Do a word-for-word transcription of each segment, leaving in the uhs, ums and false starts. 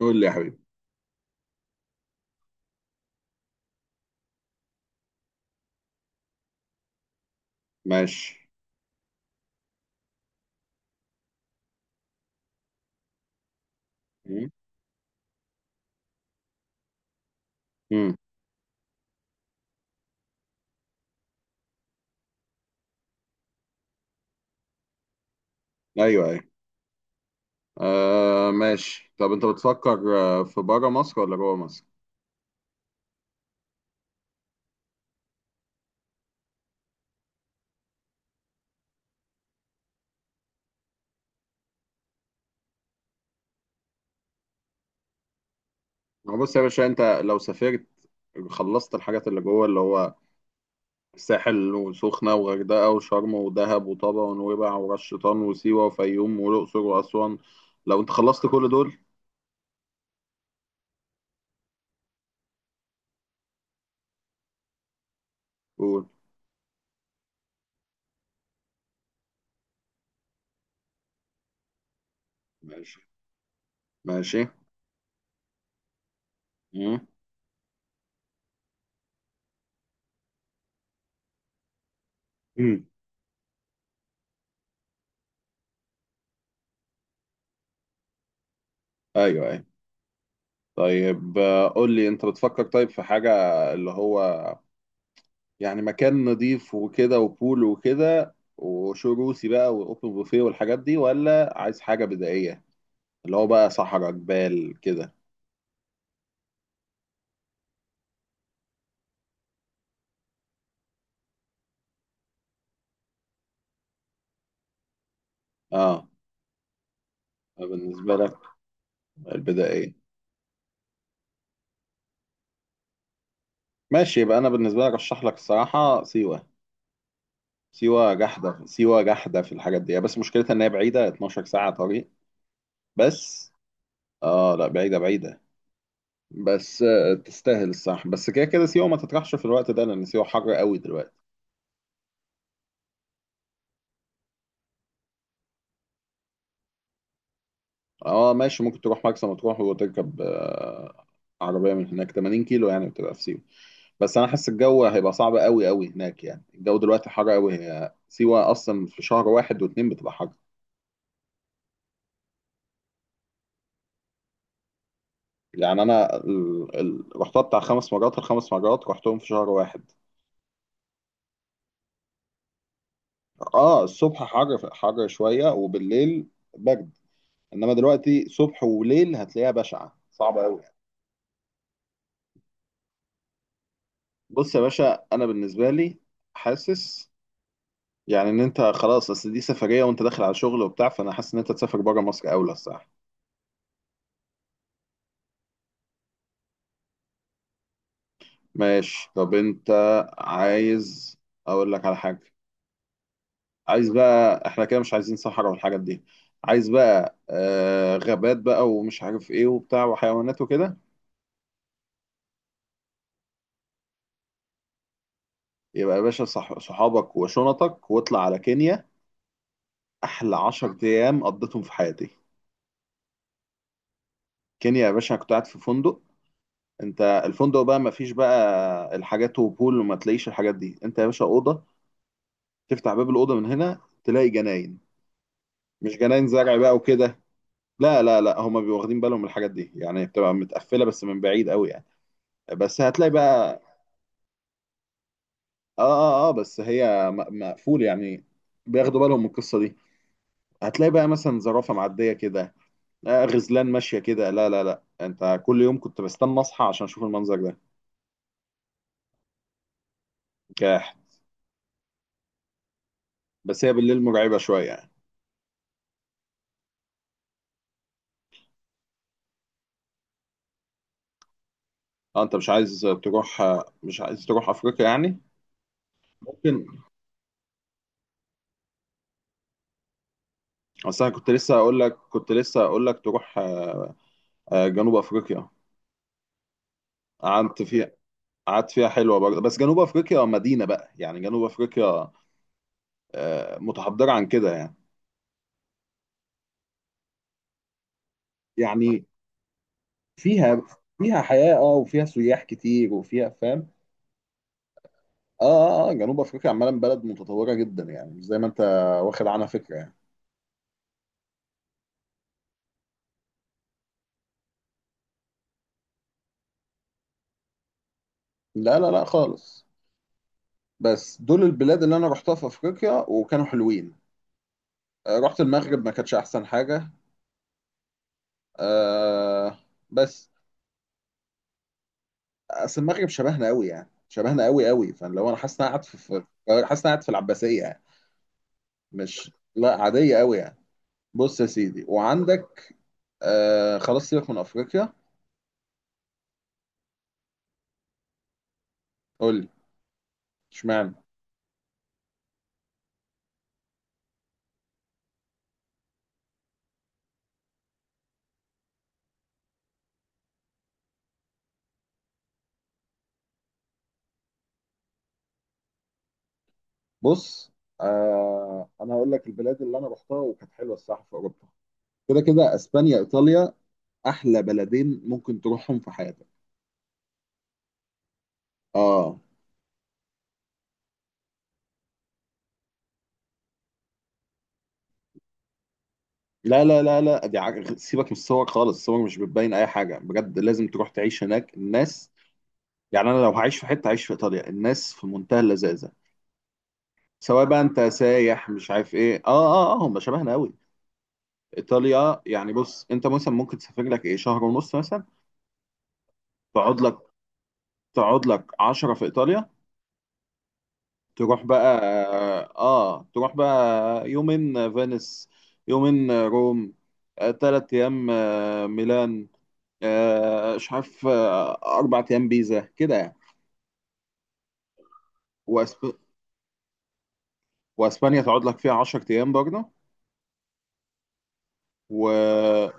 قول لي يا حبيبي. ماشي. مم. مم. ايوه، ايوه. آه، ماشي. طب انت بتفكر، آه، في بره مصر ولا جوه مصر؟ هو بص يا باشا، انت لو سافرت خلصت الحاجات اللي جوه، اللي هو الساحل وسخنة وغردقة وشرم ودهب وطابة ونويبع وراس شيطان وسيوة وفيوم والأقصر وأسوان، لو انت خلصت كل دول. قول. ماشي. ماشي. مم. مم. ايوه، ايوه. طيب، آه، قول لي انت بتفكر. طيب في حاجة اللي هو يعني مكان نضيف وكده وبول وكده وشو روسي بقى واوبن بوفيه والحاجات دي، ولا عايز حاجه بدائيه اللي هو بقى صحراء جبال كده؟ اه، بالنسبه لك. البدائيه. ماشي. يبقى انا بالنسبه لك ارشح لك الصراحه سيوه. سيوه جحده، سيوه جحده في الحاجات دي، بس مشكلتها ان هي بعيده اثناشر ساعه طريق بس. اه، لا، بعيده بعيده. بس آه، تستاهل الصح. بس كده كده سيوه ما تطرحش في الوقت ده لان سيوه حر قوي دلوقتي. اه، ماشي. ممكن تروح مرسى مطروح وتركب آه، عربية من هناك، 80 كيلو، يعني بتبقى في سيوة. بس انا حاسس الجو هيبقى صعب قوي قوي هناك. يعني الجو دلوقتي حر قوي. هي سيوة اصلا في شهر واحد واتنين بتبقى حر. يعني انا ال... ال... رحتها بتاع خمس مرات. الخمس مرات رحتهم في شهر واحد. اه. الصبح حر، حر شوية، وبالليل برد. انما دلوقتي صبح وليل هتلاقيها بشعة صعبة قوي. بص يا باشا، انا بالنسبة لي حاسس يعني ان انت خلاص، اصل دي سفريه وانت داخل على شغل وبتاع، فانا حاسس ان انت تسافر بره مصر اولى الصراحه. ماشي. طب انت عايز اقول لك على حاجه؟ عايز بقى. احنا كده مش عايزين صحراء والحاجات دي. عايز بقى آه غابات بقى، ومش عارف ايه وبتاع، وحيوانات وكده. يبقى يا باشا، صح صحابك وشنطك واطلع على كينيا. احلى عشر ايام قضيتهم في حياتي. كينيا يا باشا. أنا كنت قاعد في فندق. انت الفندق بقى ما فيش بقى الحاجات وبول، وما تلاقيش الحاجات دي. انت يا باشا، اوضه تفتح باب الأوضة من هنا تلاقي جناين. مش جناين زرع بقى وكده. لا لا لا، هما بيبقوا واخدين بالهم من الحاجات دي. يعني بتبقى متقفلة بس من بعيد قوي يعني. بس هتلاقي بقى. اه اه اه، بس هي م- مقفول يعني. بياخدوا بالهم من القصة دي. هتلاقي بقى مثلا زرافة معدية كده، آه غزلان ماشية كده. لا لا لا، انت كل يوم كنت بستنى اصحى عشان اشوف المنظر ده. كاح. بس هي بالليل مرعبة شوية يعني. اه، انت مش عايز تروح، آه، مش عايز تروح افريقيا يعني؟ ممكن. اصل انا كنت لسه هقول لك، كنت لسه هقول لك تروح آه، جنوب افريقيا. قعدت فيها، قعدت فيها حلوه برضه، بس جنوب افريقيا مدينه بقى، يعني جنوب افريقيا آه، متحضره عن كده يعني. يعني فيها فيها حياه، اه، وفيها سياح كتير وفيها فاهم. اه اه اه، جنوب افريقيا عمالا بلد متطوره جدا يعني، مش زي ما انت واخد عنها فكره يعني. لا لا لا خالص. بس دول البلاد اللي انا رحتها في افريقيا وكانوا حلوين. آه، رحت المغرب ما كانتش احسن حاجه. آه بس. اصل المغرب شبهنا قوي يعني، شبهنا قوي قوي، فلو انا حاسس ان انا قاعد في في- حاسس ان انا قاعد في العباسيه يعني. مش لا، عاديه قوي يعني. بص يا سيدي، وعندك آه، خلاص سيبك من افريقيا. قول لي. اشمعنى. بص، آه انا هقول لك البلاد اللي انا رحتها وكانت حلوه الصراحه في اوروبا. كده كده اسبانيا، ايطاليا. احلى بلدين ممكن تروحهم في حياتك. اه، لا لا لا لا دي عج... سيبك من الصور خالص. الصور مش بتبين اي حاجه بجد. لازم تروح تعيش هناك، الناس. يعني انا لو هعيش في حته هعيش في ايطاليا، الناس في منتهى اللذاذه. سواء بقى انت سايح مش عارف ايه. اه اه اه، هم شبهنا قوي. ايطاليا يعني. بص انت مثلا ممكن تسافر لك ايه شهر ونص مثلا. تقعد لك تقعد لك عشرة في ايطاليا. تروح بقى اه، آه، تروح بقى يومين فينيس، يومين روم، آه تلات ايام آه ميلان، آه مش عارف، آه اربع ايام بيزا كده يعني. وأسب... واسبانيا تقعد لك فيها 10 ايام برضه. و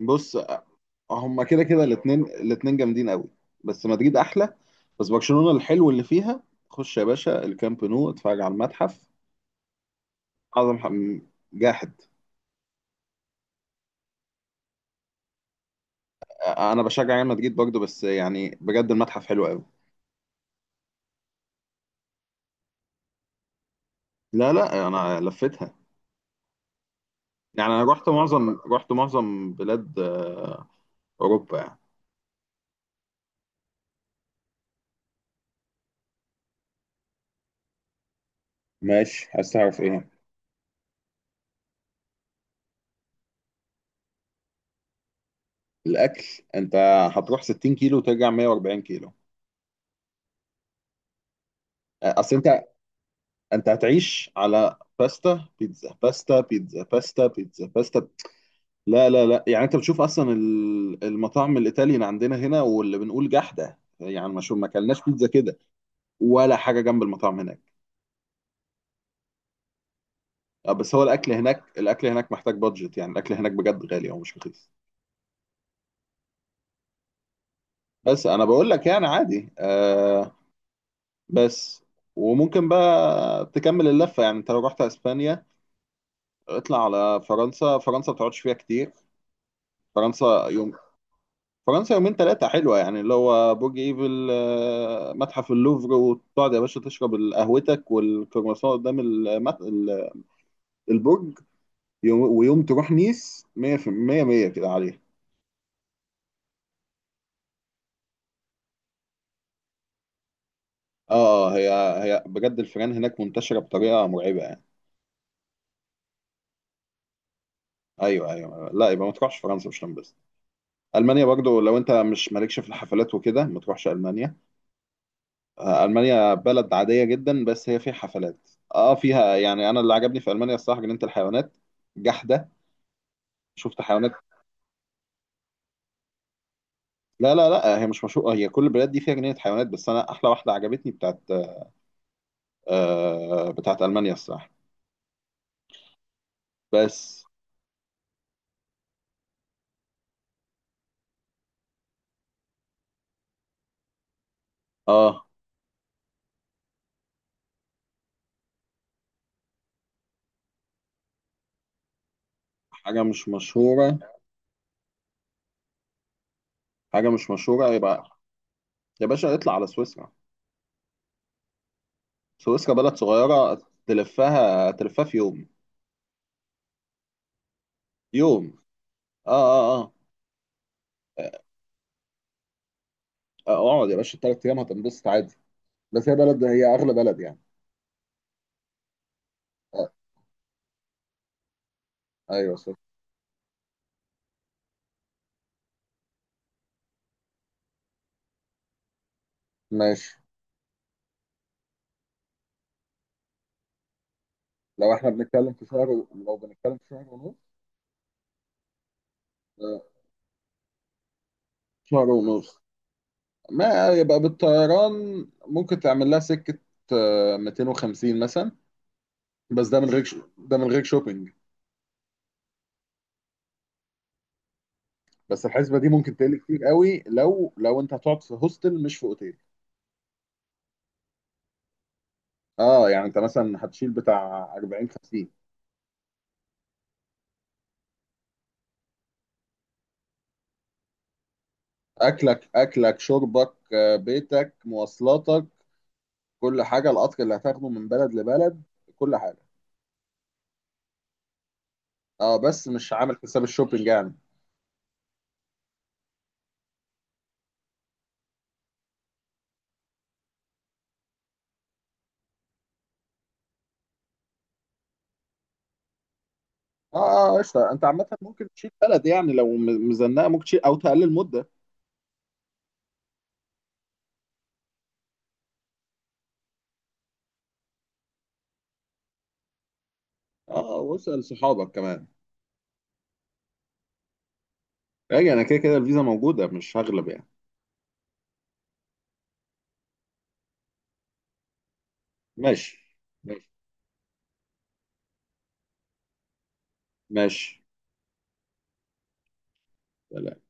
بص، هما كده كده الاثنين الاثنين جامدين قوي. بس مدريد احلى. بس برشلونة الحلو اللي فيها، خش يا باشا الكامب نو اتفرج على المتحف. اعظم ح- جاحد. انا بشجع ريال مدريد برضه، بس يعني بجد المتحف حلو قوي. لا لا، انا لفتها. يعني انا رحت معظم رحت معظم بلاد آه، اوروبا يعني. ماشي. عايز تعرف ايه. الاكل. انت هتروح 60 كيلو وترجع 140 كيلو. اصل انت انت هتعيش على باستا بيتزا، باستا بيتزا، باستا بيتزا، باستا. لا لا لا، يعني انت بتشوف اصلا ال- المطاعم الايطالي اللي عندنا هنا واللي بنقول جحده. يعني ما شو ما اكلناش بيتزا كده ولا حاجه جنب المطاعم هناك. آه، بس هو الاكل هناك، الاكل هناك محتاج بادجت، يعني الاكل هناك بجد غالي او مش رخيص. بس انا بقول لك يعني عادي، آه، بس. وممكن بقى تكمل اللفه، يعني انت لو رحت اسبانيا اطلع على فرنسا. فرنسا ما بتقعدش فيها كتير. فرنسا يوم. فرنسا يومين ثلاثة حلوة يعني. اللي هو برج ايفل، آه، متحف اللوفر. وتقعد يا باشا تشرب ال- قهوتك والكرواسون قدام المت... ال- البرج. يوم... ويوم تروح نيس مية في المية. مية كده عليه. اه، آه، هي هي بجد الفيران هناك منتشرة بطريقة مرعبة يعني. ايوه ايوه، لا يبقى ما تروحش فرنسا مش هتنبسط. المانيا برضو لو انت مش مالكش في الحفلات وكده ما تروحش المانيا. آه، المانيا بلد عادية جدا بس هي فيها حفلات. اه فيها، يعني انا اللي عجبني في المانيا الصراحة جنينة الحيوانات، جحدة. شفت حيوانات. لا لا لا، هي مش مشهورة. هي كل البلاد دي فيها جنينة حيوانات، بس انا احلى واحدة عجبتني بتاعت آه بتاعت المانيا الصراحة. بس. اه، حاجة مش مشهورة. حاجة مش مشهورة يبقى يا باشا اطلع على سويسرا. سويسرا بلد صغيرة. تلفها، تلفها في يوم. يوم. اه اه اه، آه، اقعد يا باشا ثلاث ايام هتنبسط عادي. بس هي بلد، هي اغلى بلد يعني. آه. ايوه صح. ماشي. لو احنا بنتكلم في شهر لو بنتكلم في شهر ونص. آه، شهر ونص، ما يبقى بالطيران ممكن تعمل لها سكة، آه، ميتين وخمسين مثلا. بس ده من غير ش- ده من غير شوبينج. بس الحسبة دي ممكن تقل كتير قوي لو، لو انت هتقعد في هوستل مش في اوتيل. اه، يعني انت مثلا هتشيل بتاع اربعين خمسين. اكلك اكلك شربك، آه، بيتك، مواصلاتك، كل حاجة. القطر اللي هتاخده من بلد لبلد، كل حاجة. اه، بس مش عامل حساب الشوبينج يعني. اه اه، قشطة. انت عامة ممكن تشيل بلد يعني لو م- مزنقة، ممكن تشيل او تقلل مدة. اه، واسأل صحابك كمان. راجع. انا كده كده الفيزا موجودة مش هغلب يعني. ماشي. ماشي. ماشي. سلام.